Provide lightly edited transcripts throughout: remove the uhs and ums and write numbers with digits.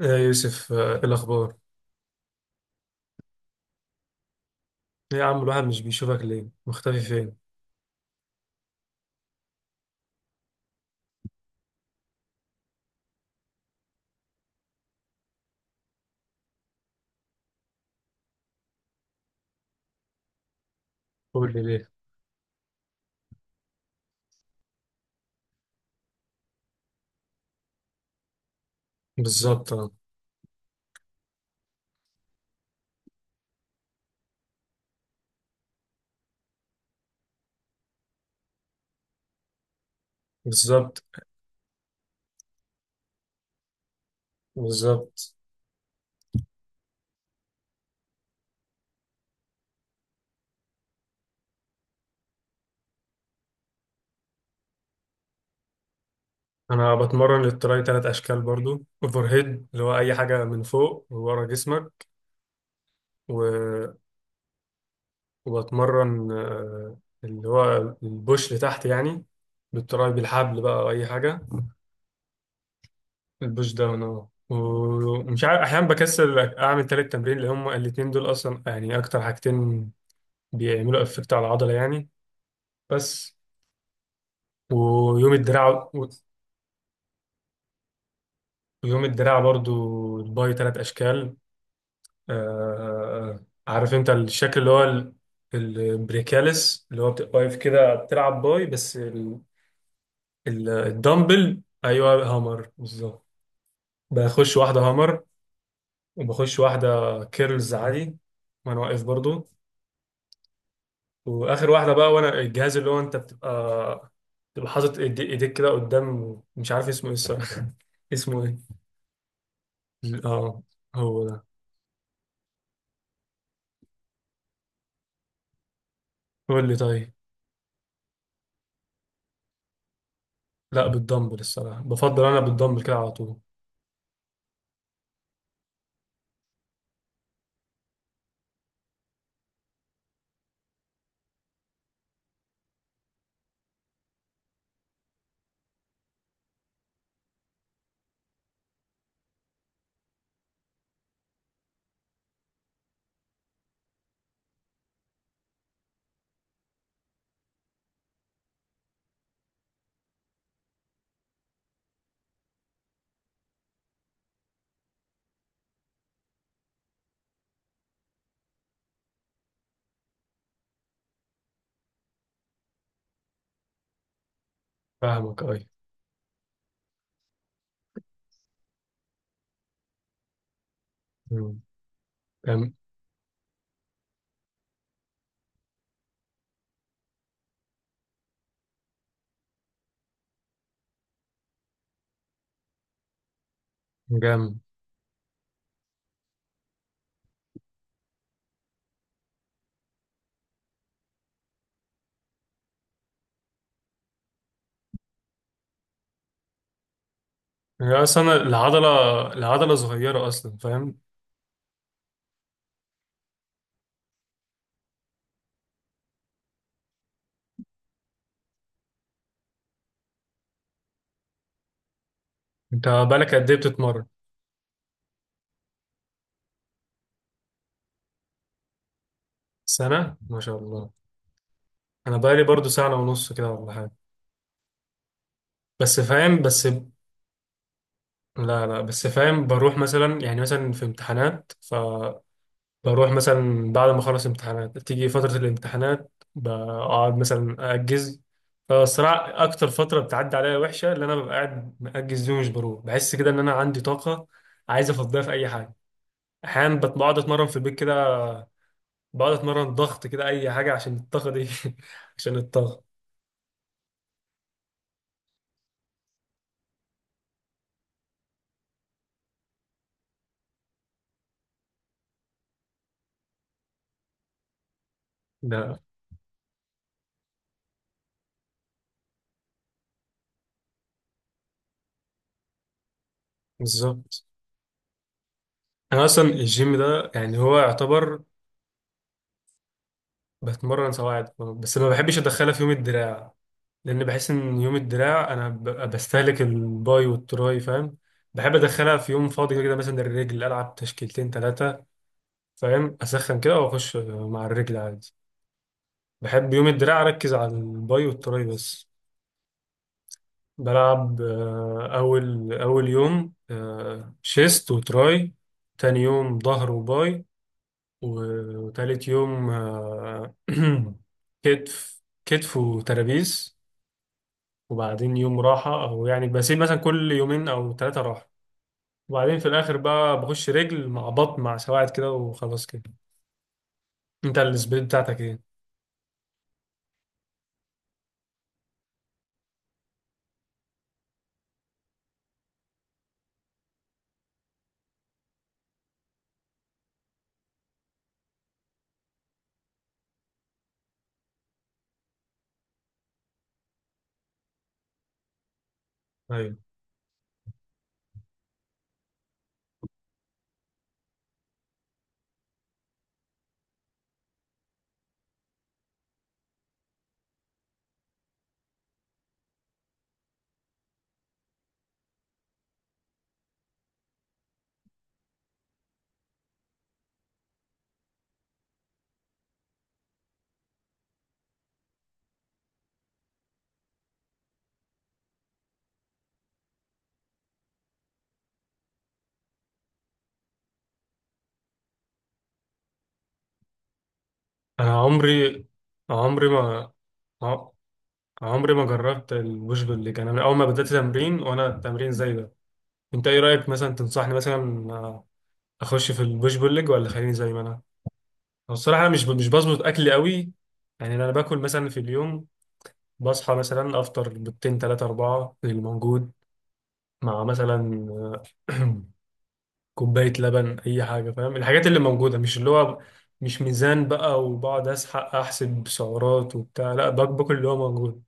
يا يوسف، ايه الاخبار؟ إيه يا عم، الواحد مش بيشوفك ليه؟ مختفي فين؟ قول لي ليه. بالظبط، اه، بالظبط، بالظبط. انا بتمرن للتراي ثلاث اشكال، برضو اوفر هيد اللي هو اي حاجه من فوق ورا جسمك. و... وبتمرن اللي هو البوش لتحت، يعني بالتراي بالحبل بقى او اي حاجه. البوش داون، ومش عارف، احيانا بكسل اعمل تالت تمرين، لان هم الاتنين دول اصلا يعني اكتر حاجتين بيعملوا افكت على العضله، يعني. بس. ويوم الدراع. ويوم الدراع برضو الباي ثلاث اشكال. آه عارف انت الشكل اللي هو البريكاليس، اللي هو بتبقى واقف كده بتلعب باي، بس الدمبل، ايوه هامر بالظبط. بخش واحده هامر، وبخش واحده كيرلز عادي وانا واقف برضو. واخر واحده بقى، وانا الجهاز اللي هو انت بتبقى حاطط ايديك كده قدام، مش عارف اسمه ايه الصراحه اسمه ايه؟ اه، هو ده. قول لي طيب. لا، بالدمبل الصراحة، بفضل أنا بالدمبل كده على طول. فاهمك أي. مم. جامد جامد. يعني أصلا أنا العضلة صغيرة أصلا، فاهم. أنت بقالك قد إيه بتتمرن؟ سنة؟ ما شاء الله. أنا بقالي برضو سنة ونص كده ولا حاجة. بس فاهم، بس لا لا، بس فاهم، بروح مثلا يعني مثلا في امتحانات. بروح مثلا بعد ما اخلص امتحانات، تيجي فترة الامتحانات بقعد مثلا اجز. فالصراحة اكتر فترة بتعدي عليا وحشة اللي انا ببقى قاعد مأجز دي ومش بروح، بحس كده ان انا عندي طاقة عايز افضيها في اي حاجة. احيانا بقعد اتمرن في البيت كده، بقعد اتمرن ضغط كده، اي حاجة عشان الطاقة دي. عشان الطاقة. لا. بالظبط. انا اصلا الجيم ده يعني هو يعتبر. بتمرن سواعد، بس ما بحبش ادخلها في يوم الدراع، لان بحس ان يوم الدراع انا ببقى بستهلك الباي والتراي، فاهم. بحب ادخلها في يوم فاضي كده كده، مثلا الرجل العب تشكيلتين ثلاثه، فاهم، اسخن كده واخش مع الرجل عادي. بحب يوم الدراع اركز على الباي والتراي بس. بلعب، اول اول يوم شيست وتراي. تاني يوم ظهر وباي. وتالت يوم كتف وترابيز. وبعدين يوم راحة، أو يعني بسيب مثلا كل يومين أو ثلاثة راحة. وبعدين في الآخر بقى بخش رجل مع بطن مع سواعد كده وخلاص كده. أنت السبيد بتاعتك إيه؟ أيوة. أنا عمري عمري ما ع- عمري ما جربت البوش بول ليج، أنا من أول ما بدأت تمرين وأنا تمرين زي ده. أنت إيه رأيك مثلا تنصحني مثلا، أخش في البوش بول ليج ولا خليني زي ما أنا؟ هو الصراحة أنا مش بظبط أكلي قوي. يعني أنا باكل مثلا في اليوم، بصحى مثلا أفطر بيضتين تلاتة أربعة الموجود، مع مثلا كوباية لبن، أي حاجة، فاهم الحاجات اللي موجودة، مش اللي هو مش ميزان بقى وبقعد أسحق أحسب سعرات وبتاع، لا باكل اللي هو موجود.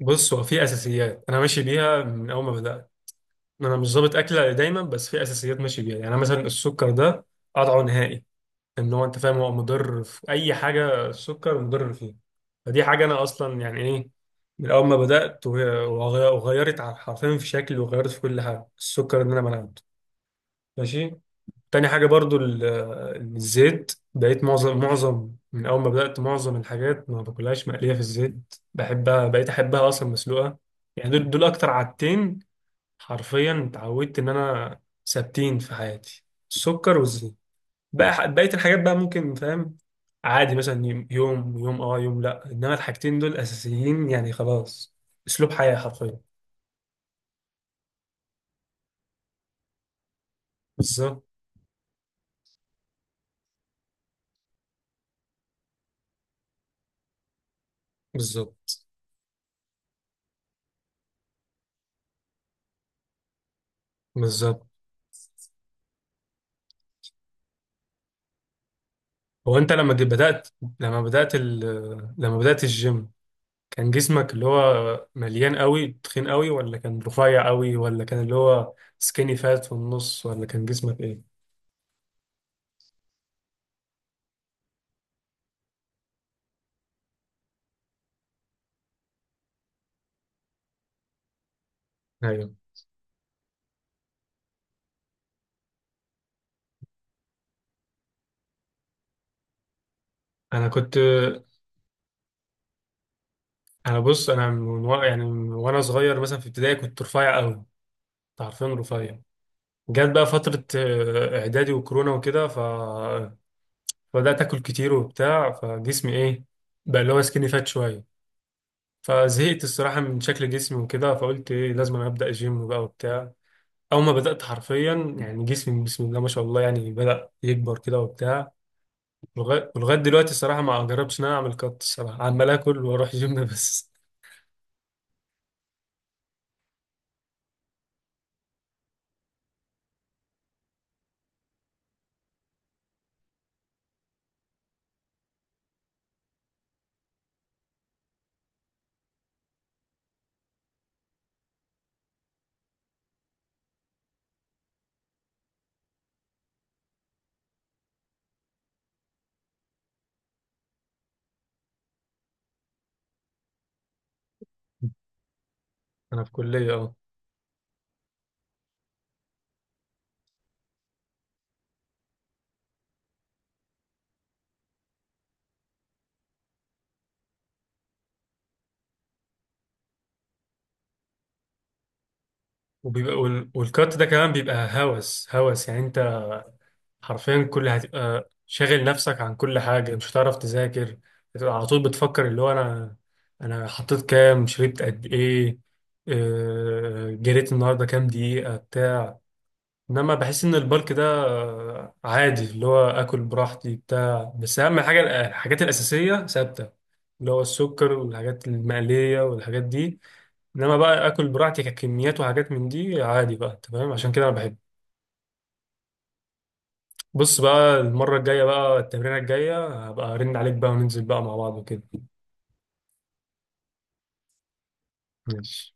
بص، هو في أساسيات أنا ماشي بيها من أول ما بدأت. أنا مش ظابط أكلة دايما، بس في أساسيات ماشي بيها، يعني مثلا السكر ده قطعه نهائي. إن هو أنت فاهم، هو مضر في أي حاجة السكر مضر فيها. فدي حاجة أنا أصلا يعني إيه، من أول ما بدأت وغيرت حرفيا في شكلي، وغيرت في كل حاجة، السكر إن أنا منعته. ماشي. تاني حاجة برضو الزيت، بقيت معظم من أول ما بدأت، معظم الحاجات ما باكلهاش مقلية في الزيت، بحبها بقيت أحبها أصلا مسلوقة. يعني دول أكتر عادتين، حرفيا اتعودت إن أنا ثابتين في حياتي، السكر والزيت. بقى بقية الحاجات بقى ممكن، فاهم، عادي مثلا يوم يوم يوم اه، يوم لا، انما الحاجتين دول اساسيين يعني خلاص، اسلوب حياة حرفيا. بالظبط، بالظبط، بالظبط. هو انت لما بدأت، لما بدأت ال... لما بدأت الجيم، كان جسمك اللي هو مليان قوي تخين قوي، ولا كان رفيع قوي، ولا كان اللي هو سكيني فات في النص، ولا كان جسمك ايه؟ ايوه. انا كنت. انا بص، انا من يعني من وانا صغير مثلا في ابتدائي كنت رفيع قوي، كنت عارفين، رفيع. جت بقى فترة اعدادي وكورونا وكده، فبدأت اكل كتير وبتاع، فجسمي ايه، بقى اللي هو سكيني فات شوية. فزهقت الصراحة من شكل جسمي وكده، فقلت ايه، لازم أنا أبدأ جيم بقى وبتاع. أول ما بدأت حرفيا، يعني جسمي بسم الله ما شاء الله، يعني بدأ يكبر كده وبتاع. ولغاية دلوقتي الصراحة ما جربتش إن أنا أعمل كات، الصراحة عمال آكل وأروح جيم بس. أنا في كلية، أه. والكات ده كمان بيبقى هوس هوس، يعني حرفيا كل هتبقى شاغل نفسك عن كل حاجة، مش هتعرف تذاكر. هتبقى على طول بتفكر اللي هو أنا حطيت كام، شربت قد إيه، جريت النهاردة كام دقيقة بتاع. إنما بحس إن البلك ده عادي، اللي هو آكل براحتي بتاع، بس أهم حاجة الحاجات الأساسية ثابتة، اللي هو السكر والحاجات المقلية والحاجات دي. إنما بقى آكل براحتي ككميات وحاجات من دي عادي بقى، تمام، عشان كده أنا بحبه. بص بقى، المرة الجاية بقى التمرينة الجاية هبقى ارن عليك بقى وننزل بقى مع بعض وكده. ماشي.